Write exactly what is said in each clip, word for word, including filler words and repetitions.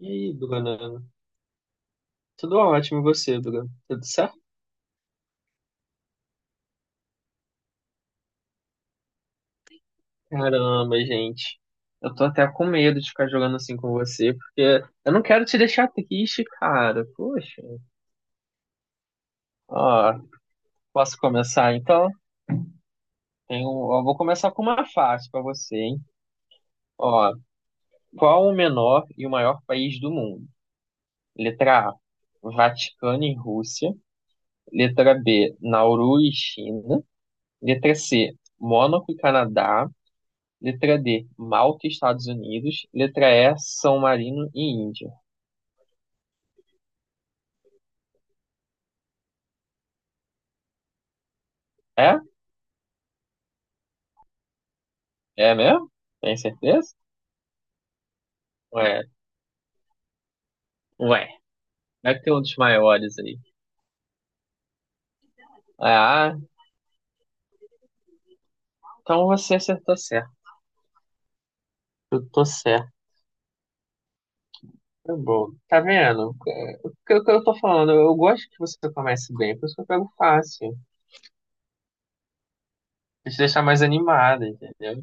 E aí, Bruna? Tudo ótimo, e você, Bruna? Tudo certo? Caramba, gente. Eu tô até com medo de ficar jogando assim com você, porque eu não quero te deixar triste, cara. Poxa. Ó, posso começar então? Tenho, ó, vou começar com uma fácil pra você, hein? Ó, qual o menor e o maior país do mundo? Letra A, Vaticano e Rússia. Letra B, Nauru e China. Letra C, Mônaco e Canadá. Letra D, Malta, Estados Unidos. Letra E, São Marino e Índia. É? É mesmo? Tem certeza? Ué, ué. Deve ter um dos maiores aí. Ah, então você acertou certo. Eu tô certo. Tá bom. Tá vendo? O que, o que eu tô falando? Eu gosto que você comece bem, por isso que eu pego fácil. Pra te deixar mais animada, entendeu?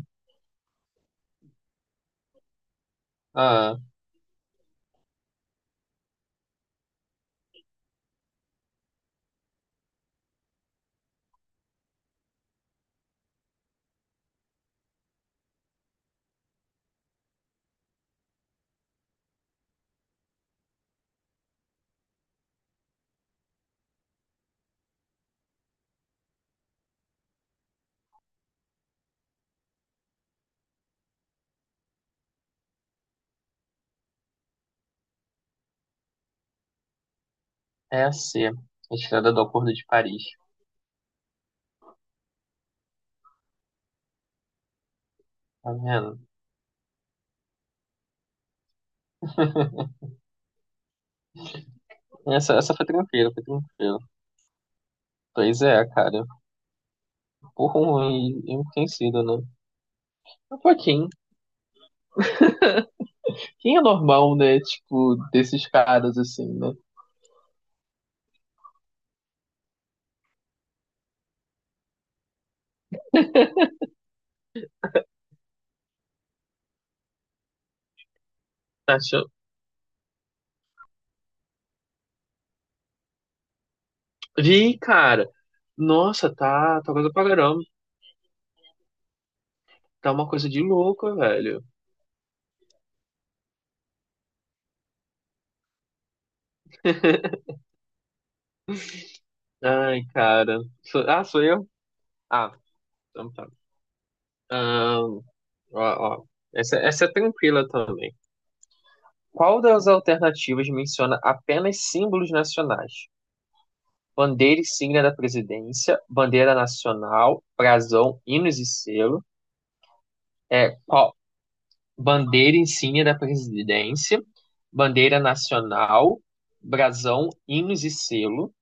Ah, é assim, a C. Retirada do Acordo de Paris. Tá vendo? Essa, essa foi tranquila, foi tranquila. Pois é, cara. Por um e um enriquecido, né? Um pouquinho. Quem é normal, né? Tipo, desses caras assim, né? Tá achando... Vi, cara. Nossa, tá, tá coisa pra caramba. Tá uma coisa de louco, velho. Ai, cara. Sou- Ah, sou eu? Ah, então tá. Ahn, ó, ó. Essa, essa é tranquila também. Qual das alternativas menciona apenas símbolos nacionais? Bandeira e signa da presidência, bandeira nacional, brasão, hinos e selo. É, qual- Bandeira insígnia da presidência, bandeira nacional, brasão, hinos e selo.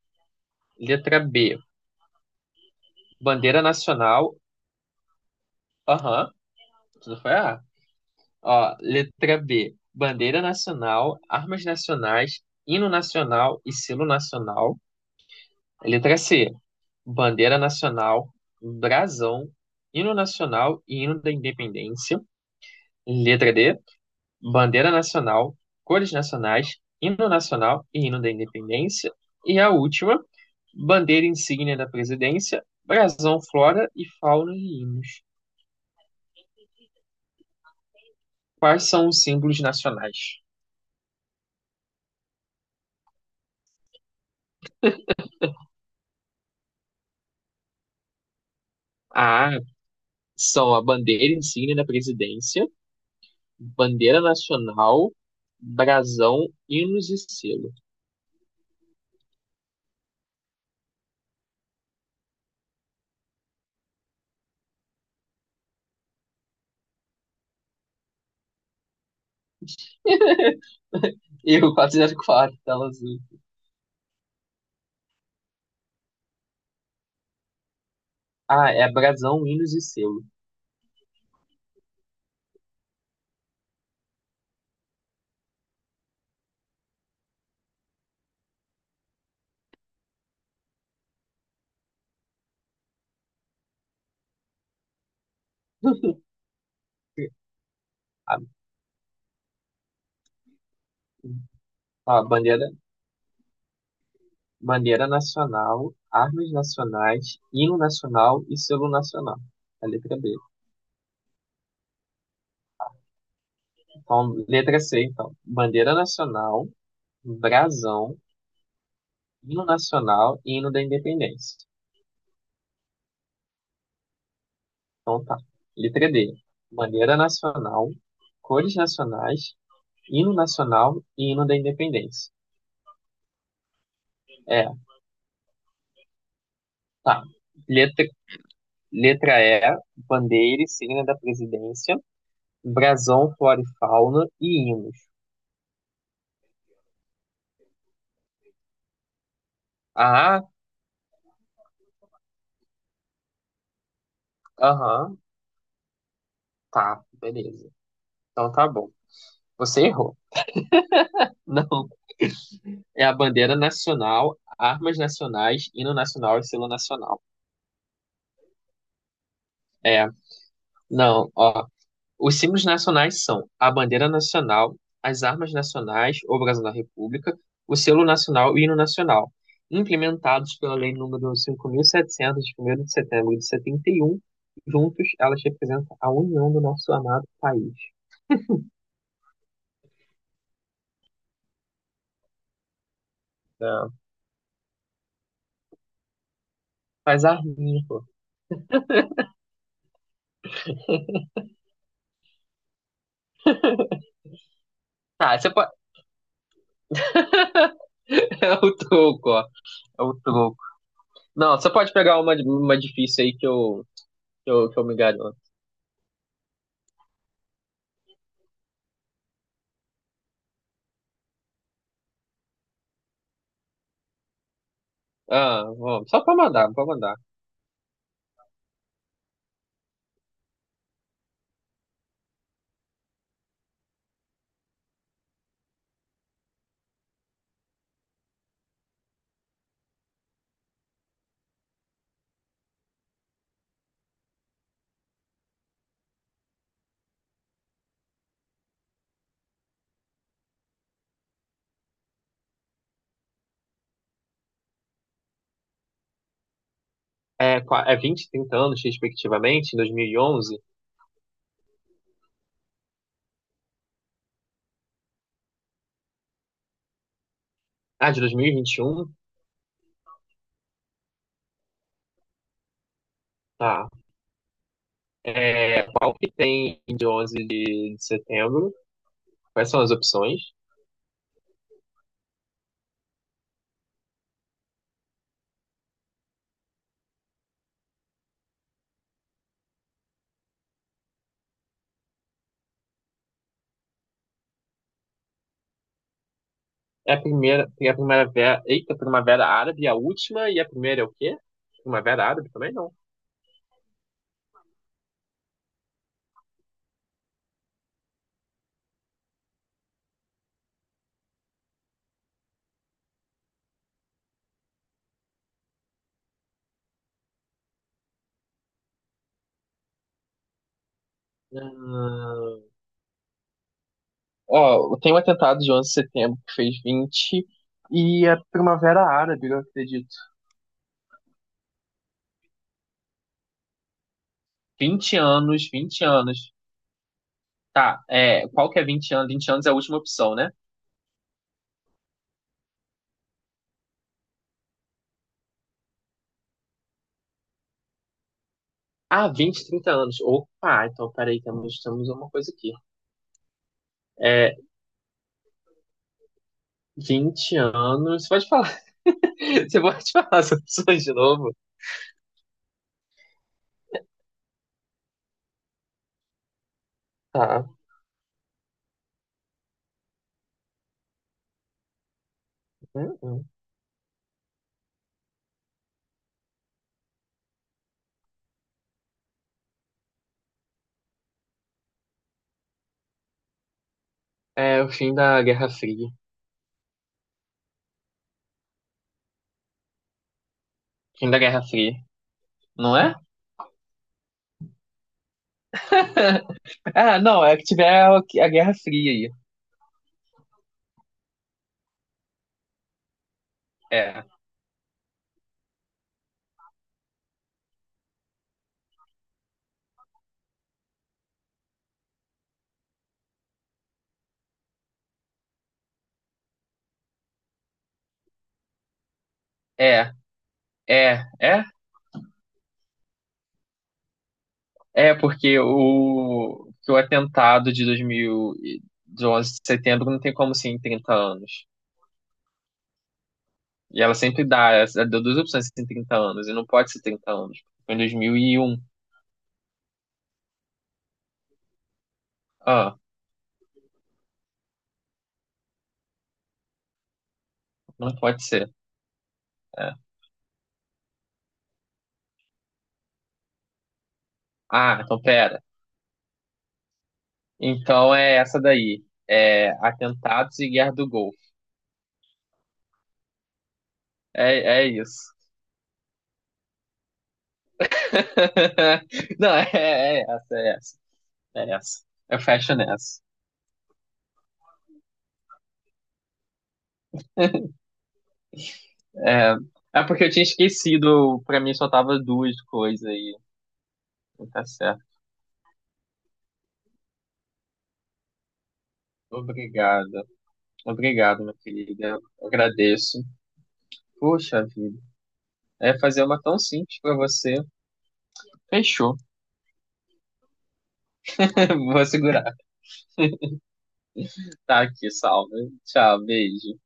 Letra B, bandeira nacional, aham, tudo foi A. Ó, letra B, bandeira nacional, armas nacionais, hino nacional e selo nacional. Letra C, bandeira nacional, brasão, hino nacional e hino da independência. Letra D, bandeira nacional, cores nacionais, hino nacional e hino da independência, e a última, bandeira insígnia da presidência, brasão, flora e fauna e hinos. Quais são os símbolos nacionais? A são a bandeira insígnia da presidência, bandeira nacional, brasão, hinos e selo. Erro quatrocentos e quatro, tela azul. Ah, é brasão, hinos e selo. A, a bandeira bandeira nacional, armas nacionais, hino nacional e selo nacional. A letra B. Então, letra C, então. Bandeira nacional, brasão, hino nacional e hino da independência. Então, tá. Letra D. Bandeira nacional, cores nacionais, hino nacional e hino da independência. É, tá. Letra, letra E. Bandeira e signa da presidência, brasão, flora e fauna e hinos. Ah, aham, tá, beleza. Então tá bom. Você errou. Não. É a bandeira nacional, armas nacionais, hino nacional e selo nacional. É. Não, ó. Os símbolos nacionais são a bandeira nacional, as armas nacionais, ou brasão da República, o selo nacional e o hino nacional, implementados pela Lei número cinco mil e setecentos, de 1º de setembro de setenta e um. Juntos, elas representam a união do nosso amado país. É. Faz a rima, pô. Tá, você pode... É o troco, ó. É o troco. Não, você pode pegar uma, uma difícil aí que eu, que eu, que eu me garanto. Ah, vamos. Só pra mandar, pra mandar. É, qua- é vinte, trinta anos, respectivamente, em dois mil e onze. Ah, de dois mil e e vinte e um. Tá. É, qual que tem de onze de, de setembro? Quais são as opções? É a primeira, tem a primavera, eita, primavera árabe, a última, e a primeira é o quê? Primavera árabe também não. Ah, ó, tem um atentado de onze de setembro que fez vinte e a primavera árabe, eu acredito. Vinte anos, vinte anos. Tá, é, qual que é vinte anos? Vinte anos é a última opção, né? Ah, vinte trinta anos. Opa, então peraí, temos, temos uma coisa aqui. É, vinte anos. Você pode falar, você pode falar as opções de novo? Tá. Hum, hum. É o fim da Guerra Fria. Fim da Guerra Fria, não é? Ah, não, é que tiver a a Guerra Fria aí. É, é, é, é. É, porque o, que o atentado de dois mil, e- de onze de setembro não tem como ser em trinta anos. E ela sempre dá, ela deu duas opções em trinta anos, e não pode ser trinta anos. Foi em dois mil e um. Ah, não pode ser. É. Ah, então pera. Então é essa daí. É atentados e Guerra do Golfo. É, é isso. Não, é, é é essa, é essa. É essa. Eu fecho nessa. É, é porque eu tinha esquecido, pra mim só tava duas coisas aí. Tá certo. Obrigado. Obrigado, minha querida. Eu agradeço. Puxa vida. É fazer uma tão simples pra você. Fechou. Vou segurar. Tá aqui, salve. Tchau, beijo.